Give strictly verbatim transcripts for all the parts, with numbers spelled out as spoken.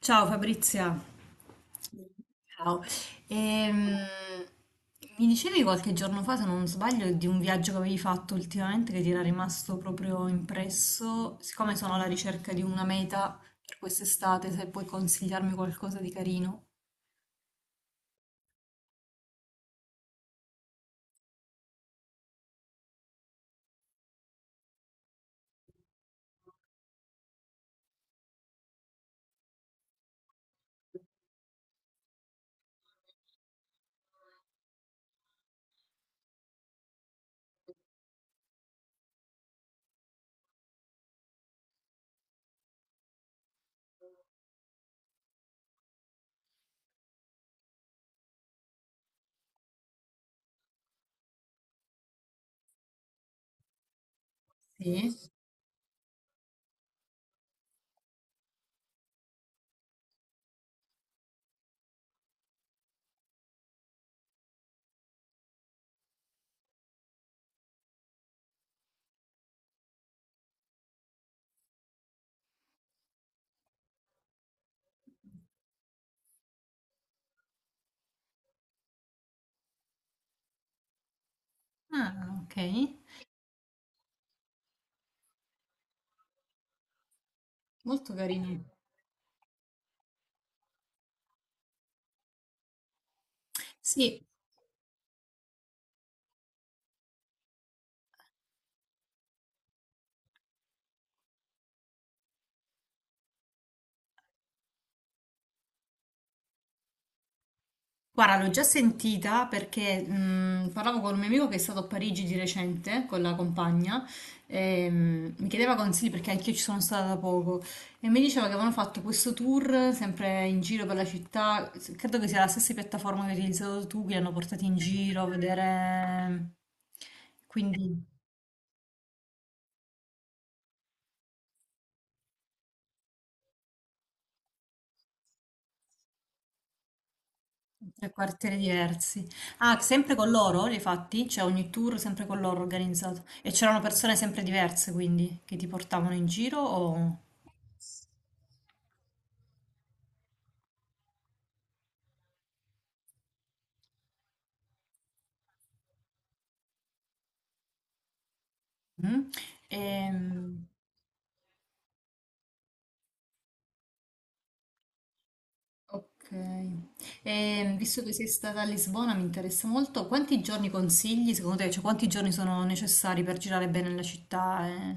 Ciao Fabrizia, ciao. Ehm, mi dicevi qualche giorno fa, se non sbaglio, di un viaggio che avevi fatto ultimamente che ti era rimasto proprio impresso. Siccome sono alla ricerca di una meta per quest'estate, se puoi consigliarmi qualcosa di carino. Sì. Ah, ok, molto carino. Sì, guarda, l'ho già sentita perché mh, parlavo con un mio amico che è stato a Parigi di recente con la compagna e mh, mi chiedeva consigli perché anch'io ci sono stata da poco e mi diceva che avevano fatto questo tour sempre in giro per la città, credo che sia la stessa piattaforma che hai utilizzato tu, che li hanno portati in giro a vedere, quindi tre quartieri diversi. Ah, sempre con loro li hai fatti? Cioè ogni tour sempre con loro organizzato e c'erano persone sempre diverse quindi che ti portavano in giro o. Mm. Ehm, ok. Ehm, visto che sei stata a Lisbona, mi interessa molto, quanti giorni consigli secondo te? Cioè, quanti giorni sono necessari per girare bene la città e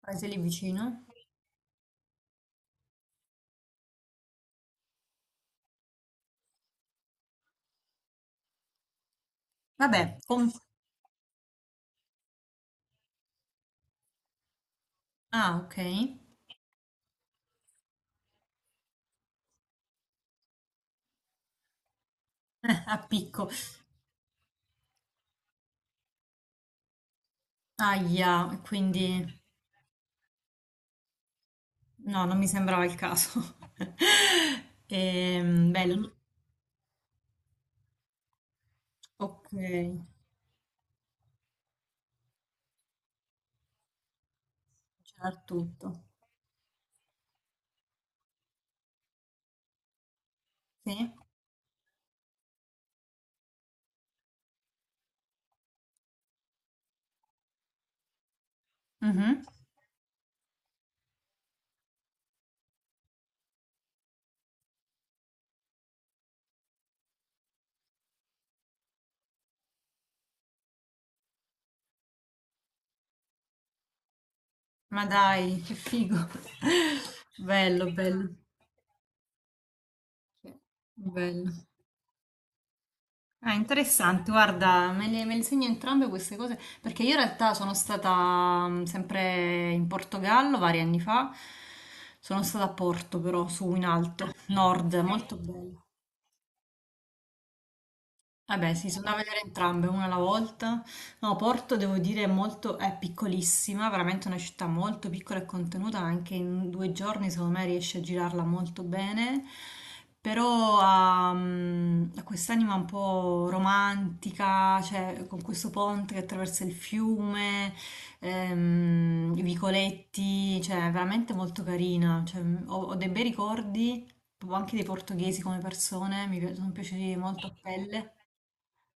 paese lì vicino? Vabbè, con- ah, ok, eh, a picco, ahia, quindi no, non mi sembrava il caso. Ehm, bello, ok, girare tutto, sì? Mhm. Ma dai, che figo, bello, bello. Sì, bello. Ah, interessante, guarda, me le, me le segno entrambe queste cose perché io in realtà sono stata mm, sempre in Portogallo vari anni fa, sono stata a Porto però, su in alto, nord, molto bello. Vabbè, sì, sono da vedere entrambe, una alla volta. No, Porto devo dire è molto, è piccolissima, veramente una città molto piccola e contenuta, anche in due giorni secondo me riesce a girarla molto bene, però ha, mm, ha quest'anima un po' romantica, cioè con questo ponte che attraversa il fiume, ehm, i vicoletti, cioè è veramente molto carina, cioè, mm, ho ho dei bei ricordi, proprio anche dei portoghesi come persone, mi pi- sono piaciuti molto a pelle.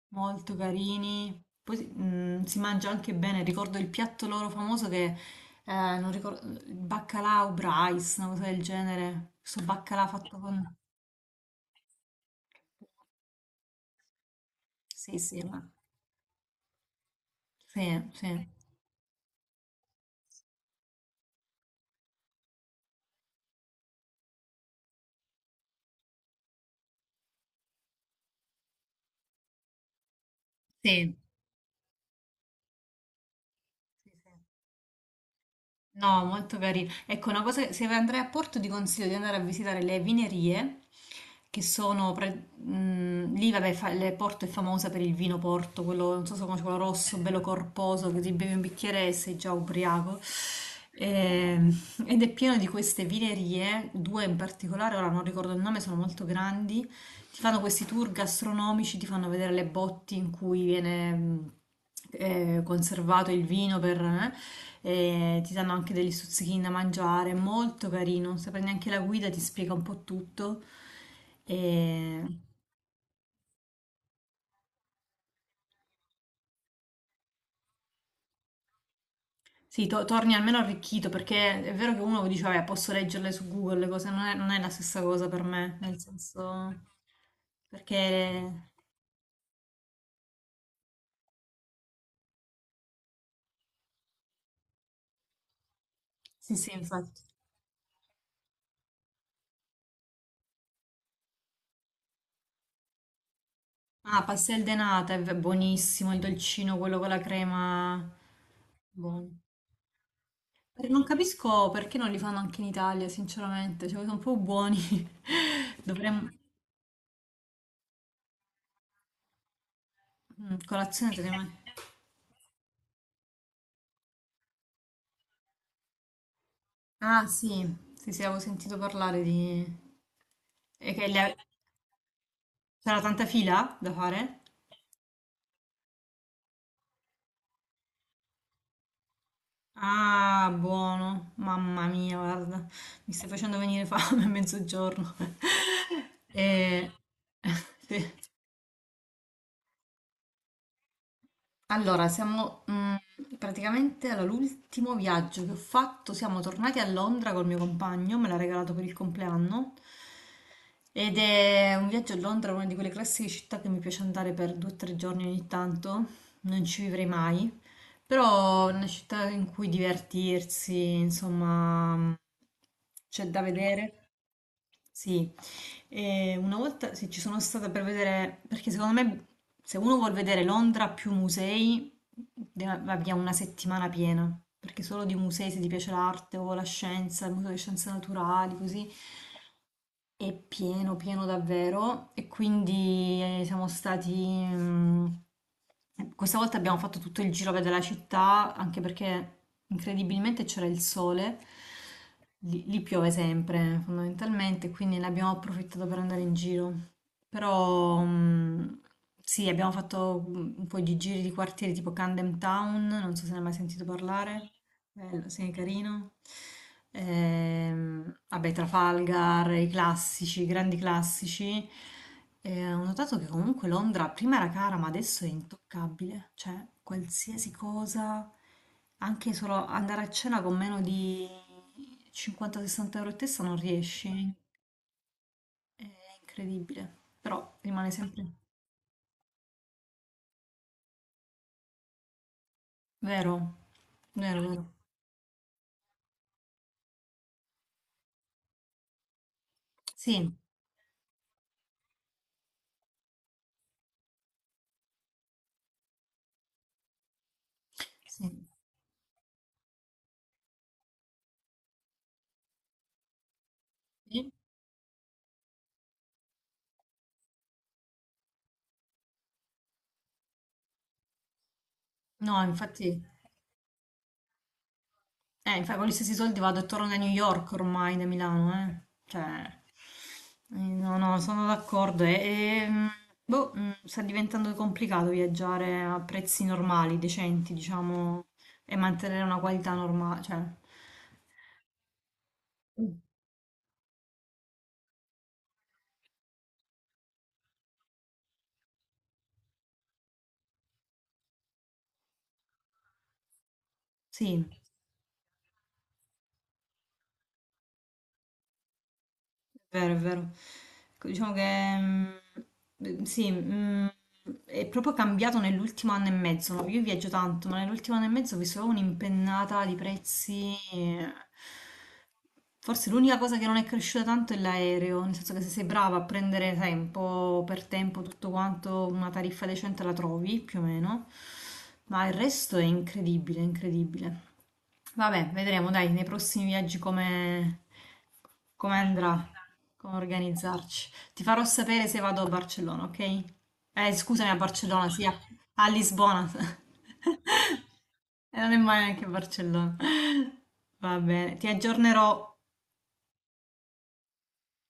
Molto carini. Poi si mm, si mangia anche bene. Ricordo il piatto loro famoso che eh, non ricordo, il baccalà o brice, una cosa del genere. Questo baccalà fatto con. Sì, sì, ma- sì, sì, sì. Sì, sì. No, molto carino. Ecco, una cosa, che- se andrai a Porto ti consiglio di andare a visitare le vinerie, che sono, pre- mm, lì vabbè, fa- le- Porto è famosa per il vino Porto, quello, non so se conosci, quello rosso, bello corposo, che ti bevi un bicchiere e sei già ubriaco. Ehm, ed è pieno di queste vinerie, due in particolare, ora non ricordo il nome, sono molto grandi, ti fanno questi tour gastronomici, ti fanno vedere le botti in cui viene... mm, eh, conservato il vino per... eh, e ti danno anche degli stuzzichini da mangiare, è molto carino, se prendi anche la guida ti spiega un po' tutto. E. Sì, to- torni almeno arricchito perché è vero che uno dice, vabbè, posso leggerle su Google, le cose non è, non è la stessa cosa per me, nel senso. Perché. Sì, sì, infatti. Ah, pastel de nata, è buonissimo, il dolcino, quello con la crema. Buono. Non capisco perché non li fanno anche in Italia, sinceramente, cioè sono un po' buoni. Dovremmo. mm, Colazione secondo me. Ah sì, sì, sì, avevo sentito parlare di. E che le- c'era tanta fila da fare? Ah, buono, mamma mia, guarda, mi stai facendo venire fame a mezzogiorno. E. sì. Allora, siamo mm, praticamente all'ultimo viaggio che ho fatto. Siamo tornati a Londra col mio compagno, me l'ha regalato per il compleanno. Ed è un viaggio a Londra, una di quelle classiche città che mi piace andare per due o tre giorni ogni tanto. Non ci vivrei mai, però è una città in cui divertirsi, insomma, c'è da vedere. Sì, e una volta sì, ci sono stata per vedere, perché secondo me se uno vuol vedere Londra più musei, deve- abbia una settimana piena, perché solo di musei se ti piace l'arte o la scienza, il museo di scienze naturali, così, è pieno, pieno davvero e quindi eh, siamo stati... mm, Questa volta abbiamo fatto tutto il giro a vedere la città, anche perché incredibilmente c'era il sole, lì, lì piove sempre fondamentalmente, quindi ne abbiamo approfittato per andare in giro. Però mm, sì, abbiamo fatto un po' di giri di quartieri tipo Camden Town, non so se ne hai mai sentito parlare. Bello, sì, carino. Ehm, vabbè, Trafalgar, i classici, i grandi classici. Eh, ho notato che comunque Londra prima era cara, ma adesso è intoccabile. Cioè, qualsiasi cosa, anche solo andare a cena con meno di cinquanta-sessanta euro a testa non riesci. È incredibile. Però rimane sempre vero, vero, vero. Sì, sì. Sì. No, infatti. Eh, infatti con gli stessi soldi vado e torno a New York ormai da Milano, eh. Cioè, eh, no, no, sono d'accordo. E, e, mm, boh, mm, sta diventando complicato viaggiare a prezzi normali, decenti, diciamo, e mantenere una qualità normale, cioè, Mm. Sì. È vero, è vero. Ecco, diciamo che mm, sì, mm, è proprio cambiato nell'ultimo anno e mezzo, no? Io viaggio tanto, ma nell'ultimo anno e mezzo ho visto proprio un'impennata di prezzi, eh. Forse l'unica cosa che non è cresciuta tanto è l'aereo, nel senso che se sei brava a prendere tempo per tempo tutto quanto, una tariffa decente la trovi più o meno, ma il resto è incredibile, incredibile. Vabbè, vedremo dai nei prossimi viaggi come, come andrà, come organizzarci. Ti farò sapere se vado a Barcellona, ok? Eh, scusami, a Barcellona, sì, a, a Lisbona. E non è mai neanche Barcellona. Va bene, ti aggiornerò.